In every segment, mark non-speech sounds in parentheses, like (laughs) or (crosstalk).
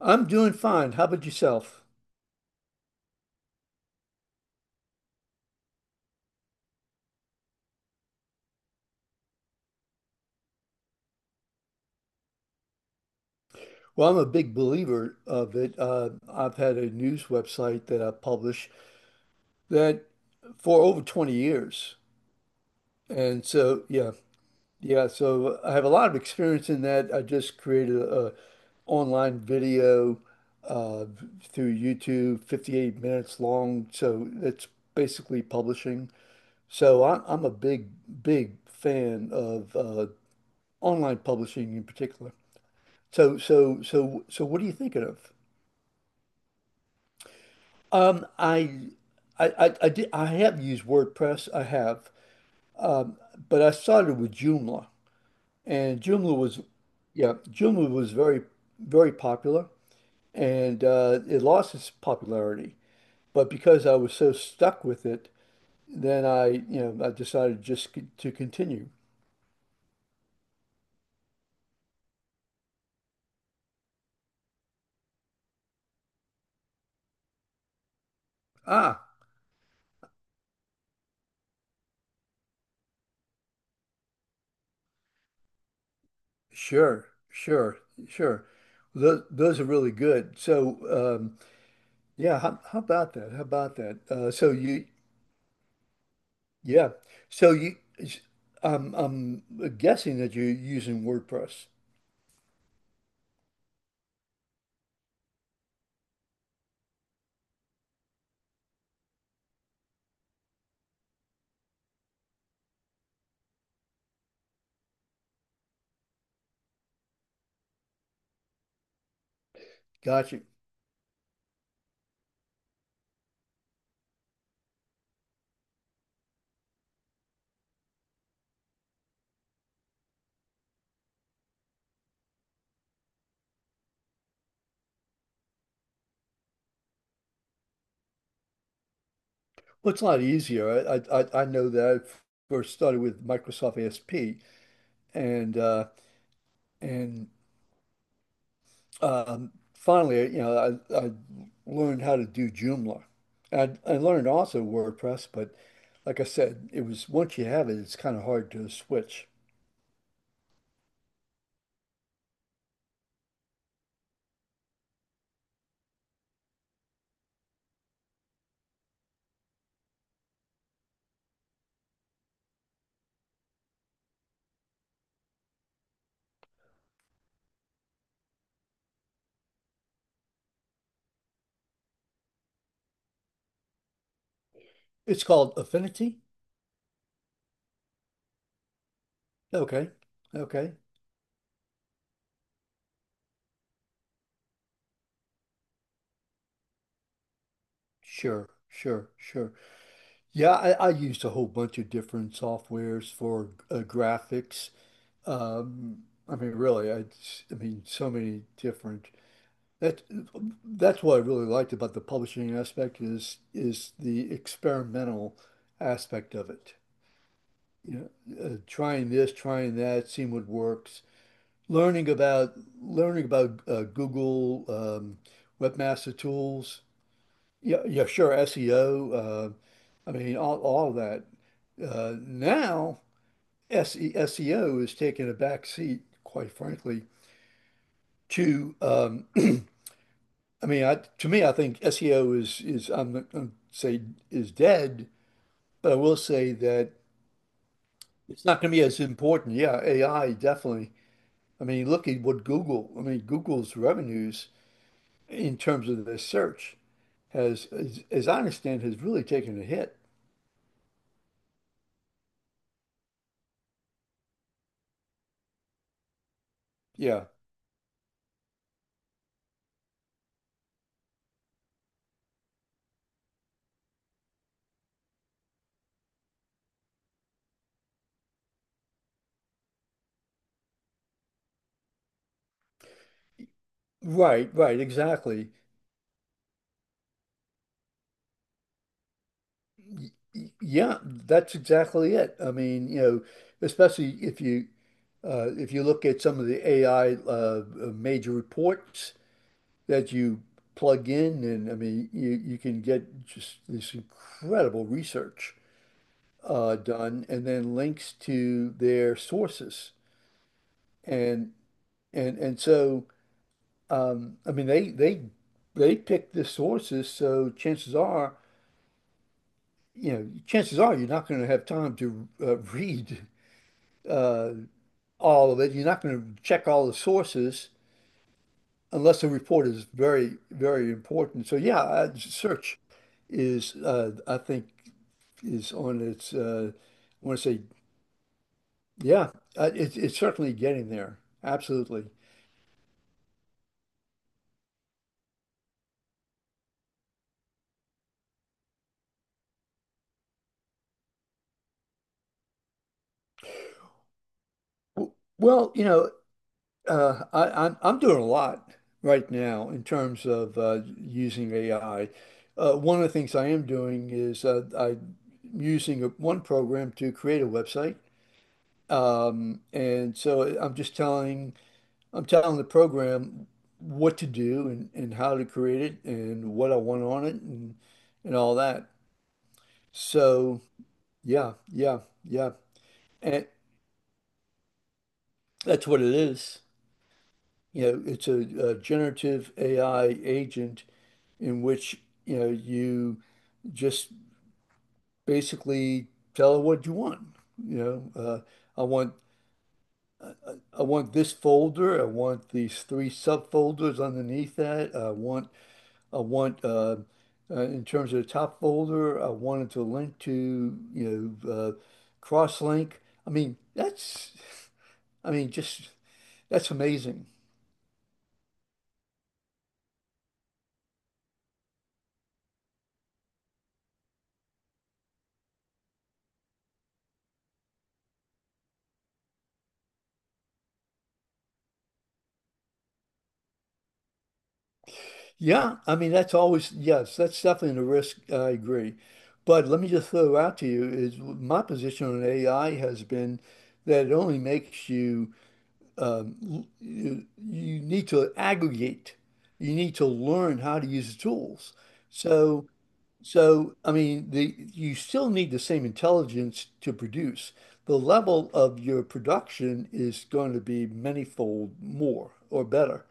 I'm doing fine. How about yourself? Well, I'm a big believer of it. I've had a news website that I publish that for over 20 years. And so, yeah, yeah, so I have a lot of experience in that. I just created a online video uh, through YouTube, 58 minutes long. So that's basically publishing. So I'm a big fan of online publishing in particular. So what are you thinking of? Um, I I have used WordPress, but I started with Joomla. And Joomla was yeah, Joomla was very popular and it lost its popularity. But because I was so stuck with it, then I decided just to continue. Ah, sure, sure, sure. Those are really good. How, how about that? So you Yeah. So you, I'm guessing that you're using WordPress. Gotcha. Well, it's a lot easier. I know that I first started with Microsoft ASP, and uh, and finally, I learned how to do Joomla. I learned also WordPress, but like I said, it was once you have it, it's kind of hard to switch. It's called Affinity. Okay. Okay. Sure. Sure. Sure. Yeah, I used a whole bunch of different softwares for graphics. Um, I mean, really, I mean, so many different. That that's what I really liked about the publishing aspect is the experimental aspect of it. You know, trying this, trying that, seeing what works. Learning about learning about Google Webmaster Tools yeah, yeah, sure. SEO. I mean, all of that. Now, SEO is taking a back seat, quite frankly, to, (clears throat) I mean, to me, I think SEO is I'm not going to say is dead, but I will say that it's not going to be as important. Yeah, AI, definitely. I mean, look at what Google's revenues in terms of their search as I understand, has really taken a hit. Yeah. Right, right, exactly. Yeah, that's exactly it. I mean, you know, especially if you look at some of the AI major reports that you plug in, and I mean, you can get just this incredible research done, and then links to their sources, and and so I mean, they pick the sources, so chances are you know, chances are you're not going to have time to (laughs) read uh, all of it. You're not going to check all the sources unless the report is very, very important. So yeah, search is I think is on its. I want to say yeah, it's certainly getting there. Absolutely. W- Well, you know, I'm doing a lot right now in terms of using AI. One of the things I am doing is I'm using one program to create a website. And so I'm just telling the program what to do and how to create it and what I want on it and all that. So yeah, yeah, yeah. And that's what it is. You know, it's a generative AI agent in which, you know, you just basically tell it what you want. You know, I want I want this folder. I want these three subfolders underneath that. I want in terms of the top folder, I wanted to link to, you know, cross-link. I mean, just that's amazing. Yeah, I mean, that's always, yes, that's definitely a risk. I agree. But let me just throw out to you is my position on AI has been that it only makes you, you, you need to aggregate. You need to learn how to use the tools. So, So, I mean, the you still need the same intelligence to produce. The level of your production is going to be manyfold more or better.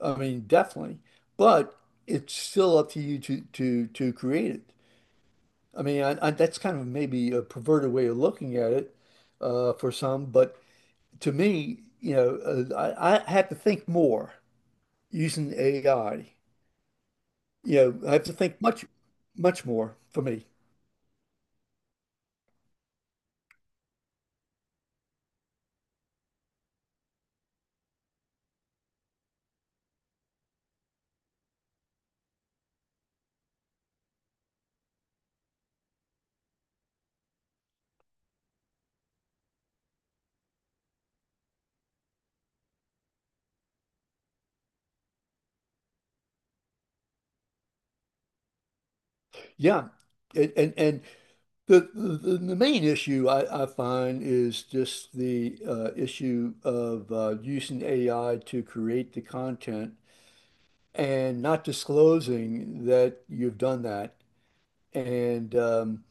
I mean, definitely. But it's still up to you to create it. I mean, that's kind of maybe a perverted way of looking at it for some, but to me, you know, I have to think more using AI. You know, I have to think much, much more for me. Yeah. And and and the main issue I find is just the issue of using AI to create the content and not disclosing that you've done that. And um,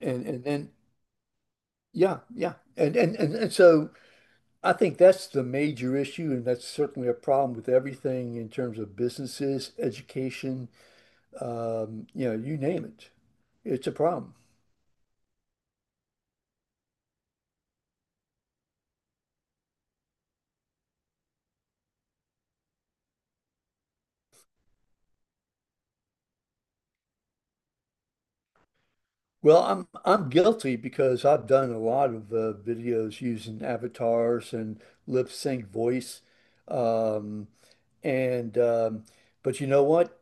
and then yeah, yeah. And so I think that's the major issue, and that's certainly a problem with everything in terms of businesses, education, you know, you name it. It's a problem. Well, I'm guilty because I've done a lot of videos using avatars and lip sync voice, um, and but you know what?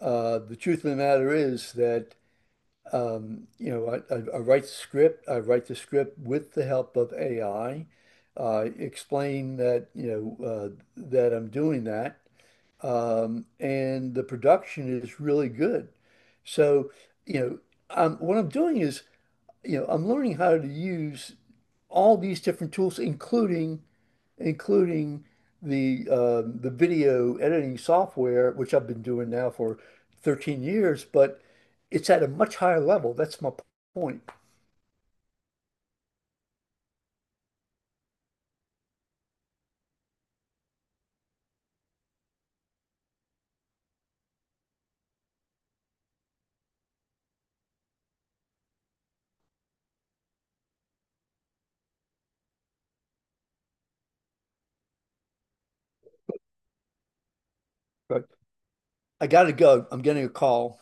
The truth of the matter is that you know I write the script. I write the script with the help of AI. Explain that you know that I'm doing that, and the production is really good. So you know, what I'm doing is you know, I'm learning how to use all these different tools, including the video editing software, which I've been doing now for 13 years, but it's at a much higher level. That's my point. Right. I gotta go. I'm getting a call.